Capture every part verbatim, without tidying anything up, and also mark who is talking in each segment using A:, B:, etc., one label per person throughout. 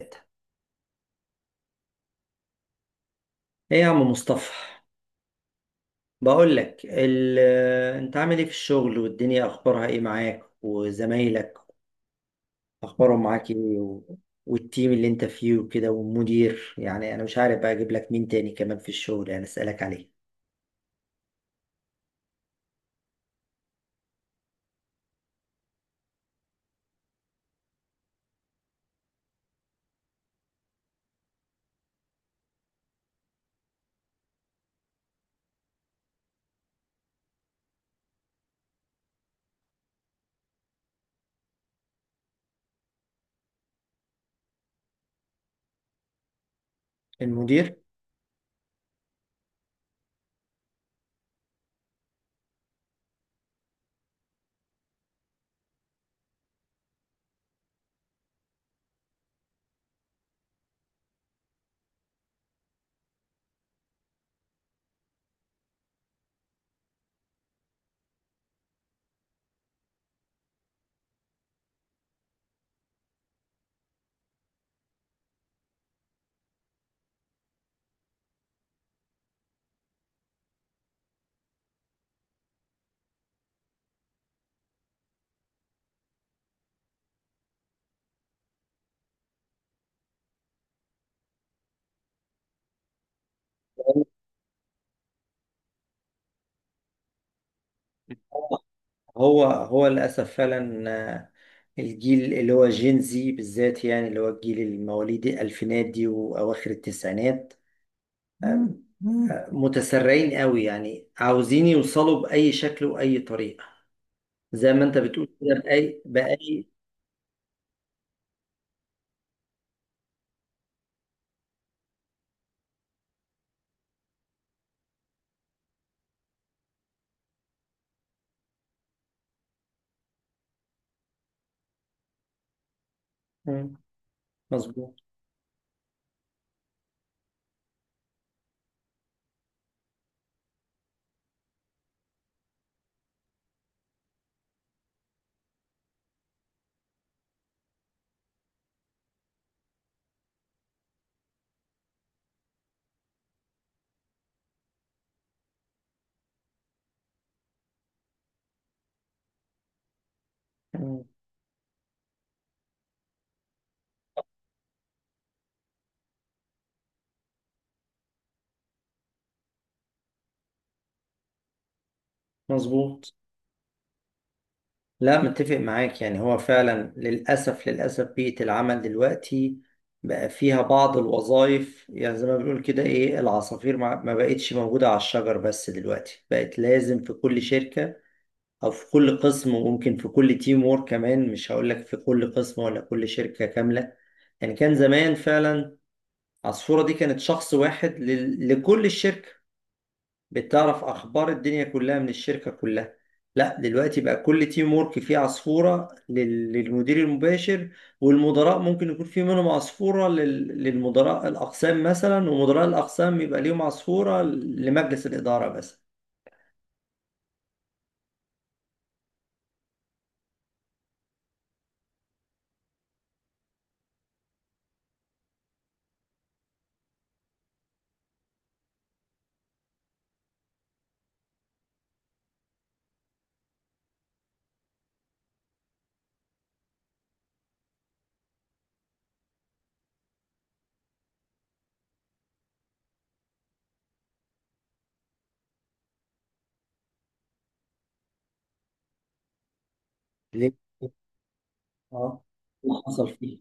A: ايه، يا عم مصطفى، بقول لك ال... انت عامل ايه في الشغل، والدنيا اخبارها ايه معاك وزمايلك، اخبارهم معاك ايه و... والتيم اللي انت فيه وكده، والمدير، يعني انا مش عارف بقى اجيب لك مين تاني كمان في الشغل يعني اسالك عليه؟ المدير. هو هو للاسف فعلا، آه، الجيل اللي هو جين زي بالذات يعني اللي هو الجيل المواليد الالفينات دي واواخر التسعينات، متسرعين قوي يعني عاوزين يوصلوا بأي شكل وأي طريقة، زي ما انت بتقول كده بأي بأي. مم. مظبوط. مم. مظبوط. لا، متفق معاك، يعني هو فعلا للأسف للأسف بيئة العمل دلوقتي بقى فيها بعض الوظائف، يعني زي ما بنقول كده ايه العصافير، ما ما بقتش موجودة على الشجر بس دلوقتي بقت لازم في كل شركة أو في كل قسم وممكن في كل تيم وورك كمان، مش هقول لك في كل قسم ولا كل شركة كاملة. يعني كان زمان فعلا عصفورة دي كانت شخص واحد ل... لكل الشركة، بتعرف أخبار الدنيا كلها من الشركة كلها. لا، دلوقتي بقى كل تيم وورك فيه عصفورة لل... للمدير المباشر، والمدراء ممكن يكون في منهم عصفورة لل... للمدراء الأقسام مثلا، ومدراء الأقسام يبقى ليهم عصفورة لمجلس الإدارة بس. ليه؟ اه، اللي حصل فيه.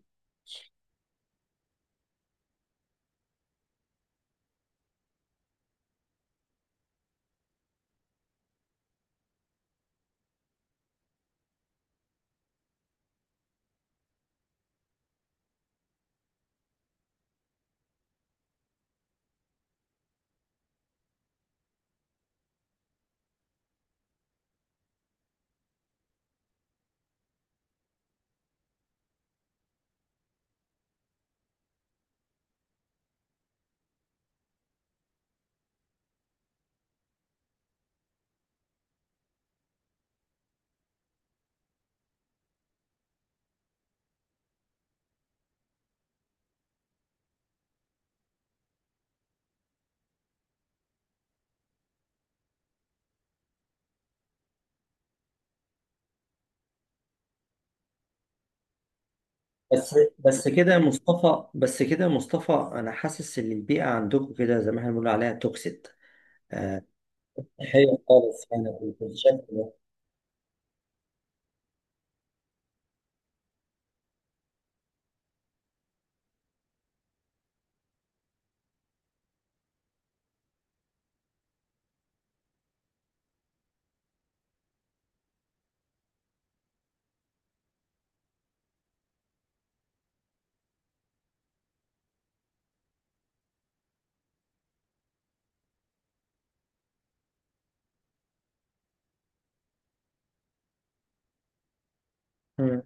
A: بس بس كده يا مصطفى بس كده يا مصطفى، انا حاسس ان البيئه عندكم كده زي ما احنا بنقول عليها توكسيد، آه، هي خالص يعني بالشكل ده. مم.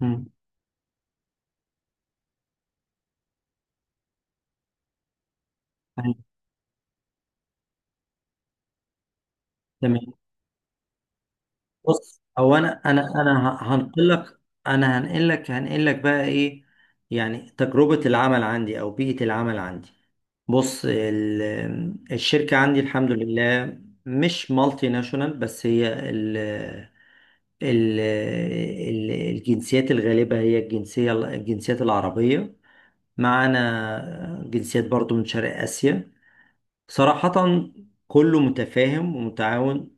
A: مم. أيوة، تمام. بص، هو انا انا انا ه- هنقل لك انا هنقل لك هنقل لك بقى ايه، يعني تجربه العمل عندي او بيئه العمل عندي. بص، ال- الشركه عندي الحمد لله مش مالتي ناشونال، بس هي ال- ال- الجنسيات الغالبة هي الجنسية الجنسيات العربية، معانا جنسيات برضو من شرق آسيا. صراحة كله متفاهم ومتعاون.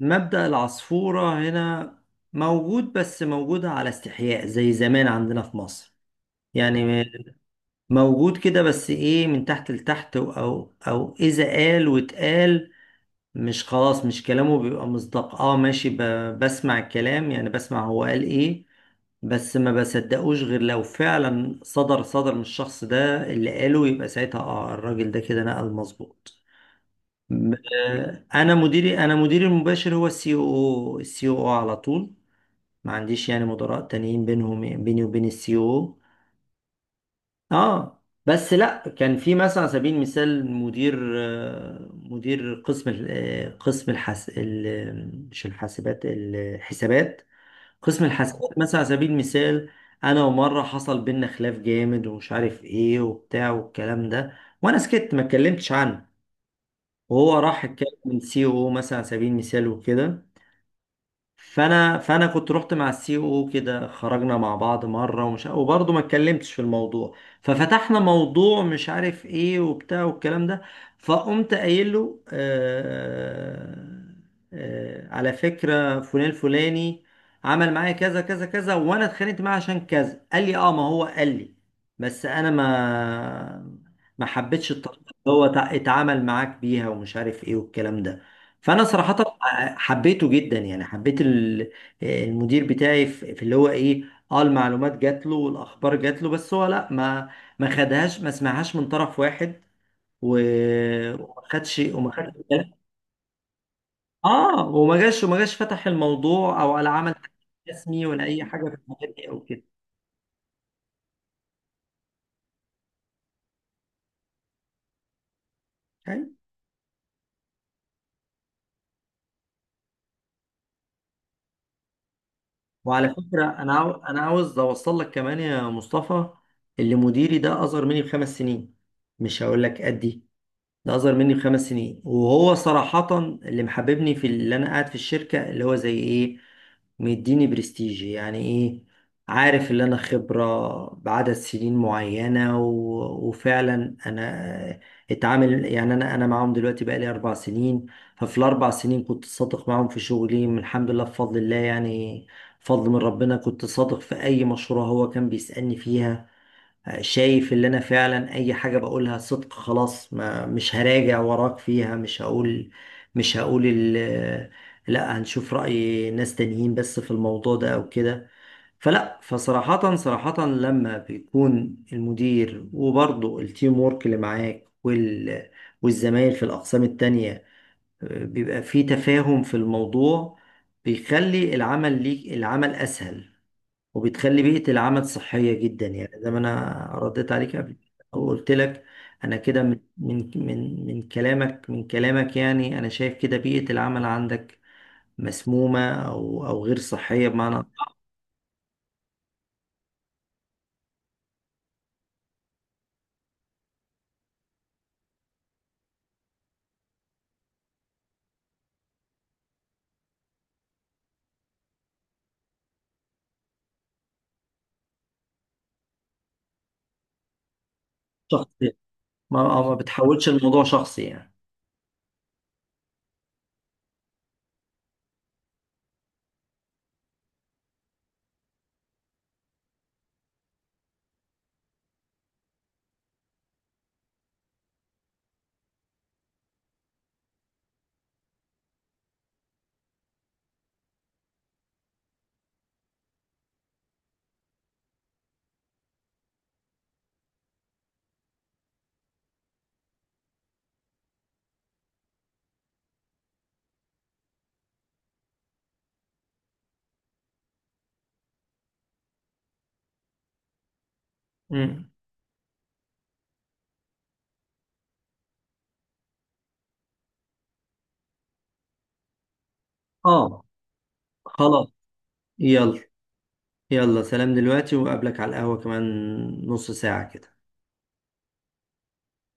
A: مبدأ العصفورة هنا موجود، بس موجود على استحياء زي زمان عندنا في مصر، يعني موجود كده، بس ايه، من تحت لتحت، او او اذا قال واتقال، مش خلاص مش كلامه بيبقى مصداق، اه ماشي ب... بسمع الكلام يعني بسمع هو قال ايه، بس ما بصدقوش غير لو فعلا صدر صدر من الشخص ده اللي قاله، يبقى ساعتها اه الراجل ده كده نقل مظبوط. م- آه، انا مديري، انا مديري المباشر هو السي او، السي او على طول، ما عنديش يعني مدراء تانيين بينهم بيني وبين السي او. اه بس لا، كان في مثلا على سبيل المثال مدير آه، مدير قسم ال- آه، قسم الحس ال- مش الحاسبات الحسابات، قسم الحاسبات مثلا على سبيل المثال. انا ومره حصل بينا خلاف جامد ومش عارف ايه وبتاع والكلام ده، وانا سكت ما اتكلمتش عنه، وهو راح اتكلم من سي او مثلا على سبيل المثال وكده. فانا فانا كنت رحت مع السي او كده، خرجنا مع بعض مره، ومش وبرضه ما اتكلمتش في الموضوع، ففتحنا موضوع مش عارف ايه وبتاع والكلام ده، فقمت قايل له: آه، آه على فكره فلان الفلاني عمل معايا كذا كذا كذا، وانا اتخانقت معاه عشان كذا. قال لي اه، ما هو قال لي، بس انا ما ما حبيتش الطريقه اللي هو تع- اتعامل معاك بيها، ومش عارف ايه والكلام ده. فانا صراحه حبيته جدا، يعني حبيت ال- المدير بتاعي في في اللي هو ايه، اه المعلومات جات له والاخبار جات له، بس هو لا ما ما خدهاش، ما سمعهاش من طرف واحد، و- وما خدش وما خدش بالك. اه، وما جاش وما جاش فتح الموضوع او ولا عمل رسمي ولا اي حاجه في الحاجات دي او كده. أيوة. وعلى فكره، انا عاو... انا عاوز اوصل لك كمان يا مصطفى، اللي مديري ده اصغر مني بخمس سنين، مش هقول لك قد ايه، ده اصغر مني بخمس سنين. وهو صراحة اللي محببني في اللي انا قاعد في الشركة، اللي هو زي ايه، مديني برستيج، يعني ايه، عارف اللي انا خبرة بعدد سنين معينة و... وفعلا انا اتعامل، يعني انا انا معاهم دلوقتي بقالي اربع سنين. ففي الاربع سنين كنت صادق معاهم في شغلي من الحمد لله بفضل الله، يعني فضل من ربنا، كنت صادق في اي مشروع هو كان بيسألني فيها، شايف اللي انا فعلا اي حاجة بقولها صدق خلاص، ما مش هراجع وراك فيها، مش هقول مش هقول ال لا هنشوف رأي ناس تانيين بس في الموضوع ده او كده. فلا فصراحة صراحة لما بيكون المدير وبرضه التيم وورك اللي معاك وال والزمايل في الأقسام التانية، آه، بيبقى في تفاهم في الموضوع، بيخلي العمل ليك العمل أسهل، وبتخلي بيئة العمل صحية جدا، يعني زي ما أنا رديت عليك قبل أو قلت لك. أنا كده من من من من كلامك من كلامك، يعني أنا شايف كده بيئة العمل عندك مسمومة أو أو غير صحية، بمعنى شخصي، ما أو ما بتحولش الموضوع شخصي يعني. مم. آه، خلاص. يلا. يلا، سلام دلوقتي، وأقابلك على القهوة كمان نص ساعة كده.